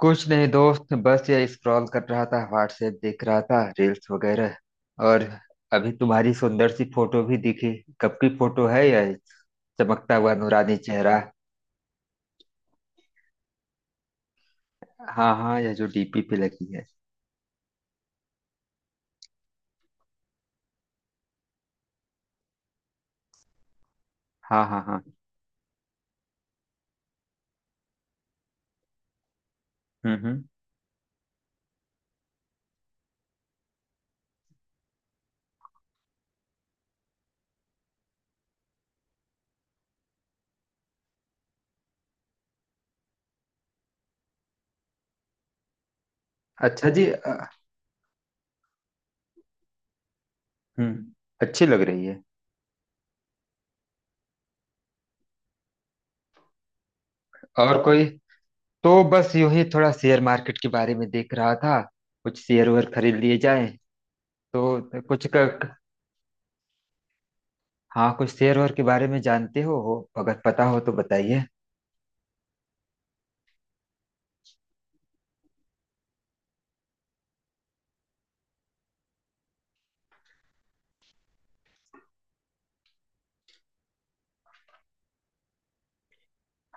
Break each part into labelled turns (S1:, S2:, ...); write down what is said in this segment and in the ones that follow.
S1: कुछ नहीं दोस्त, बस ये स्क्रॉल कर रहा था, व्हाट्सएप देख रहा था, रील्स वगैरह। और अभी तुम्हारी सुंदर सी फोटो भी दिखी। कब की फोटो है यह? चमकता हुआ नूरानी चेहरा। हाँ हाँ, यह जो डीपी पे लगी है। हाँ हाँ हाँ। हम्म। अच्छा जी। हम्म। अच्छी लग रही है। और कोई? तो बस यूं ही थोड़ा शेयर मार्केट के बारे में देख रहा था। कुछ शेयर वेयर खरीद लिए जाए। तो कुछ हाँ, कुछ शेयर वेयर के बारे में जानते हो, अगर पता हो तो बताइए।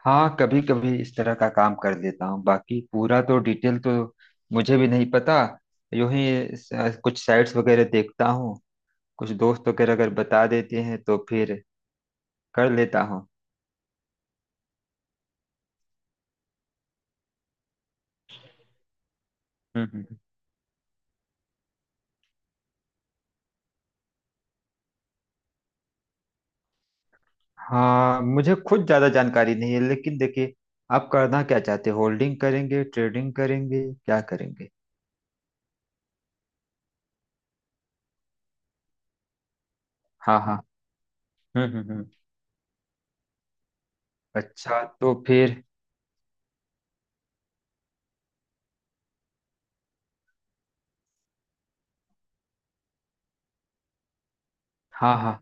S1: हाँ, कभी कभी इस तरह का काम कर देता हूँ, बाकी पूरा तो डिटेल तो मुझे भी नहीं पता। यूं ही कुछ साइट्स वगैरह देखता हूँ। कुछ दोस्त वगैरह अगर बता देते हैं तो फिर कर लेता हूँ। हम्म हम्म। हाँ, मुझे खुद ज्यादा जानकारी नहीं है, लेकिन देखिए, आप करना क्या चाहते हैं? होल्डिंग करेंगे, ट्रेडिंग करेंगे, क्या करेंगे? हाँ हाँ। हम्म हम्म हम्म। अच्छा तो फिर। हाँ हाँ।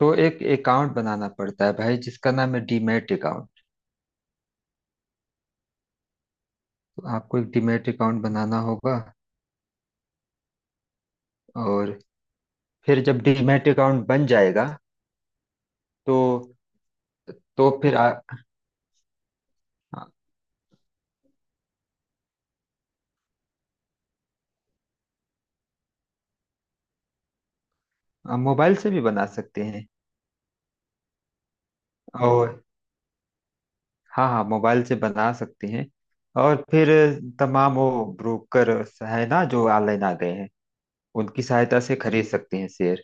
S1: तो एक अकाउंट बनाना पड़ता है भाई, जिसका नाम है डीमैट अकाउंट। आपको एक डीमैट अकाउंट बनाना होगा। और फिर जब डीमैट अकाउंट बन जाएगा तो तो फिर आ, आ, आ, मोबाइल से भी बना सकते हैं। और हाँ हाँ, मोबाइल से बना सकते हैं। और फिर तमाम वो ब्रोकर है ना, जो ऑनलाइन आ गए हैं, उनकी सहायता से खरीद सकते हैं शेयर।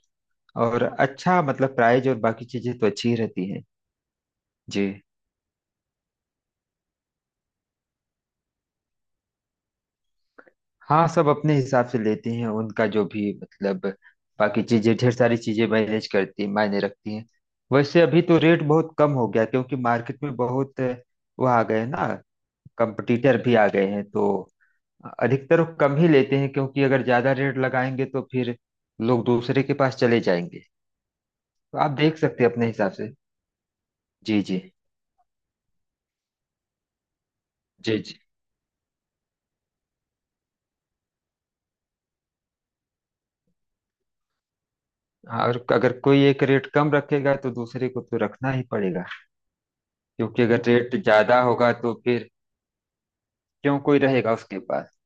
S1: और अच्छा मतलब प्राइस और बाकी चीजें तो अच्छी ही रहती हैं। जी हाँ, सब अपने हिसाब से लेते हैं उनका, जो भी मतलब। बाकी चीजें, ढेर सारी चीजें मैनेज करती हैं, मायने रखती हैं। वैसे अभी तो रेट बहुत कम हो गया, क्योंकि मार्केट में बहुत वो आ गए हैं ना, कंपटीटर भी आ गए हैं, तो अधिकतर वो कम ही लेते हैं, क्योंकि अगर ज्यादा रेट लगाएंगे तो फिर लोग दूसरे के पास चले जाएंगे। तो आप देख सकते हैं अपने हिसाब से। जी जी। जी जी। हाँ, और अगर कोई एक रेट कम रखेगा तो दूसरे को तो रखना ही पड़ेगा, क्योंकि अगर रेट ज्यादा होगा तो फिर क्यों कोई रहेगा उसके पास?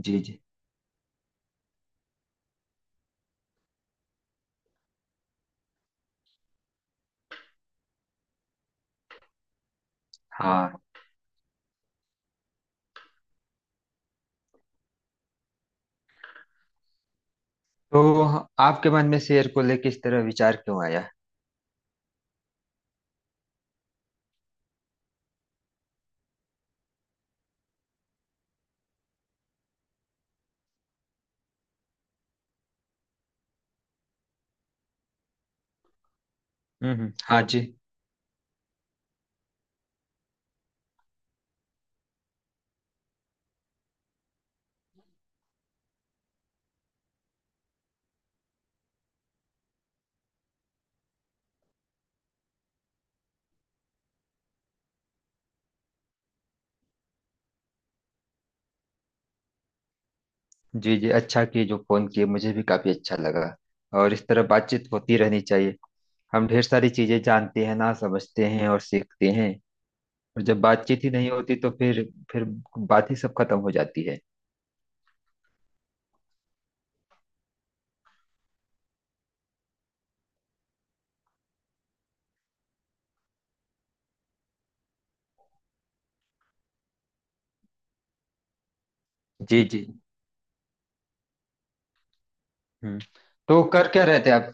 S1: जी जी। हाँ, तो आपके मन में शेर को लेके इस तरह विचार क्यों आया? हाँ जी। जी जी, अच्छा किए जो फोन किए, मुझे भी काफी अच्छा लगा। और इस तरह बातचीत होती रहनी चाहिए। हम ढेर सारी चीजें जानते हैं ना, समझते हैं और सीखते हैं। और जब बातचीत ही नहीं होती तो फिर बात ही सब खत्म हो जाती है। जी जी। हम्म। तो कर क्या रहे थे आप?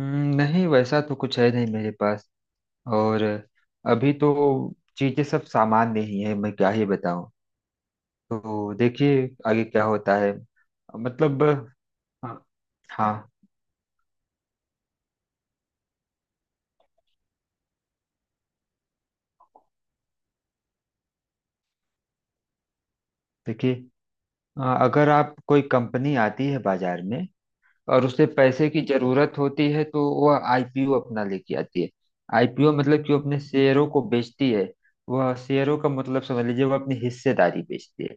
S1: नहीं, वैसा तो कुछ है नहीं मेरे पास। और अभी तो चीजें सब सामान्य ही है, मैं क्या ही बताऊं। तो देखिए आगे क्या होता है मतलब। अ, हाँ देखिए, अगर आप, कोई कंपनी आती है बाजार में और उसे पैसे की जरूरत होती है, तो वह आईपीओ अपना लेके आती है। आईपीओ मतलब कि वो अपने शेयरों को बेचती है। वह शेयरों का मतलब समझ लीजिए, वह अपनी हिस्सेदारी बेचती है।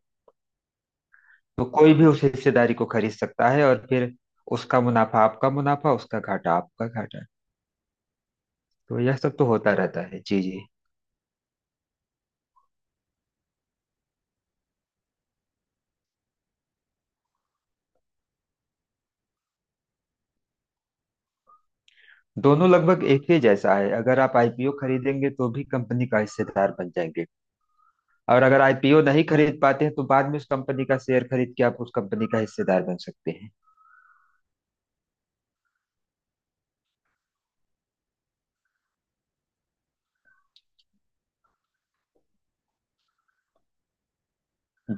S1: तो कोई भी उस हिस्सेदारी को खरीद सकता है और फिर उसका मुनाफा आपका मुनाफा, उसका घाटा आपका घाटा। तो यह सब तो होता रहता है। जी जी। दोनों लगभग एक ही जैसा है। अगर आप आईपीओ खरीदेंगे तो भी कंपनी का हिस्सेदार बन जाएंगे, और अगर आईपीओ नहीं खरीद पाते हैं तो बाद में उस कंपनी का शेयर खरीद के आप उस कंपनी का हिस्सेदार बन सकते हैं।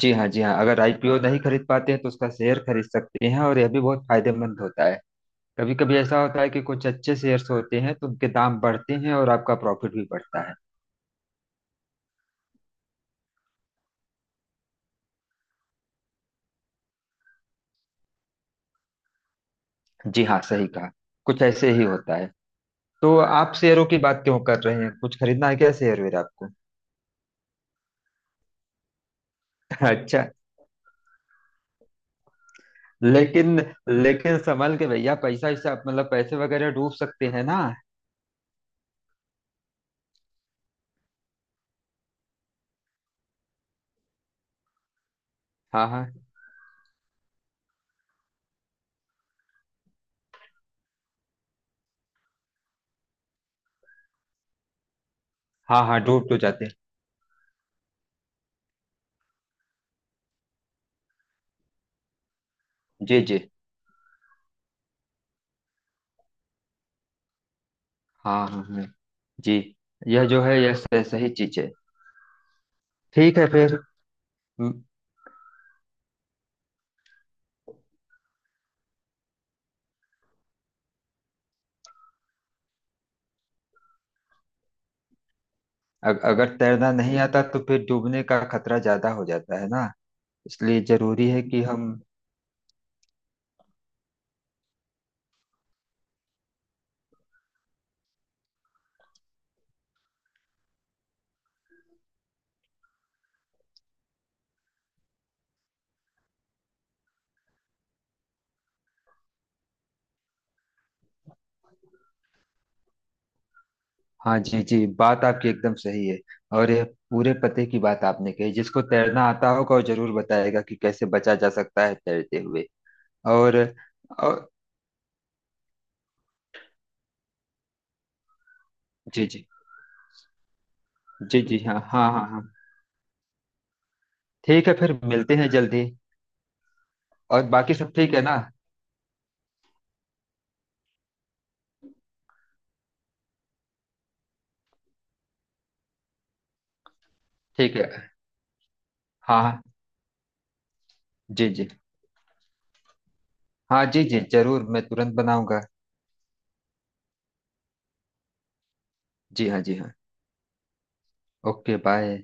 S1: जी हाँ जी हाँ, अगर आईपीओ नहीं खरीद पाते हैं तो उसका शेयर खरीद सकते हैं, और यह भी बहुत फायदेमंद होता है। कभी कभी ऐसा होता है कि कुछ अच्छे शेयर्स होते हैं तो उनके दाम बढ़ते हैं, और आपका प्रॉफिट भी बढ़ता है। जी हाँ, सही कहा। कुछ ऐसे ही होता है। तो आप शेयरों की बात क्यों कर रहे हैं? कुछ खरीदना है क्या शेयर वेयर आपको? अच्छा। लेकिन लेकिन संभल के भैया, पैसा ऐसा, मतलब पैसे वगैरह डूब सकते हैं ना। हाँ हाँ। हाँ हाँ, डूब तो जाते हैं। जी जी। हाँ हाँ हाँ जी। यह जो है, यह सही चीज है। ठीक है फिर। हम्म, अगर तैरना नहीं आता तो फिर डूबने का खतरा ज्यादा हो जाता है ना। इसलिए जरूरी है कि हम। हाँ जी जी, बात आपकी एकदम सही है। और यह पूरे पते की बात आपने कही, जिसको तैरना आता होगा वो जरूर बताएगा कि कैसे बचा जा सकता है तैरते हुए। और और। जी जी जी जी। हाँ हाँ हाँ हाँ। ठीक है फिर, मिलते हैं जल्दी। और बाकी सब ठीक है ना? ठीक है। हाँ हाँ। जी जी हाँ, जी जी जरूर, मैं तुरंत बनाऊंगा। जी हाँ जी हाँ। Okay bye.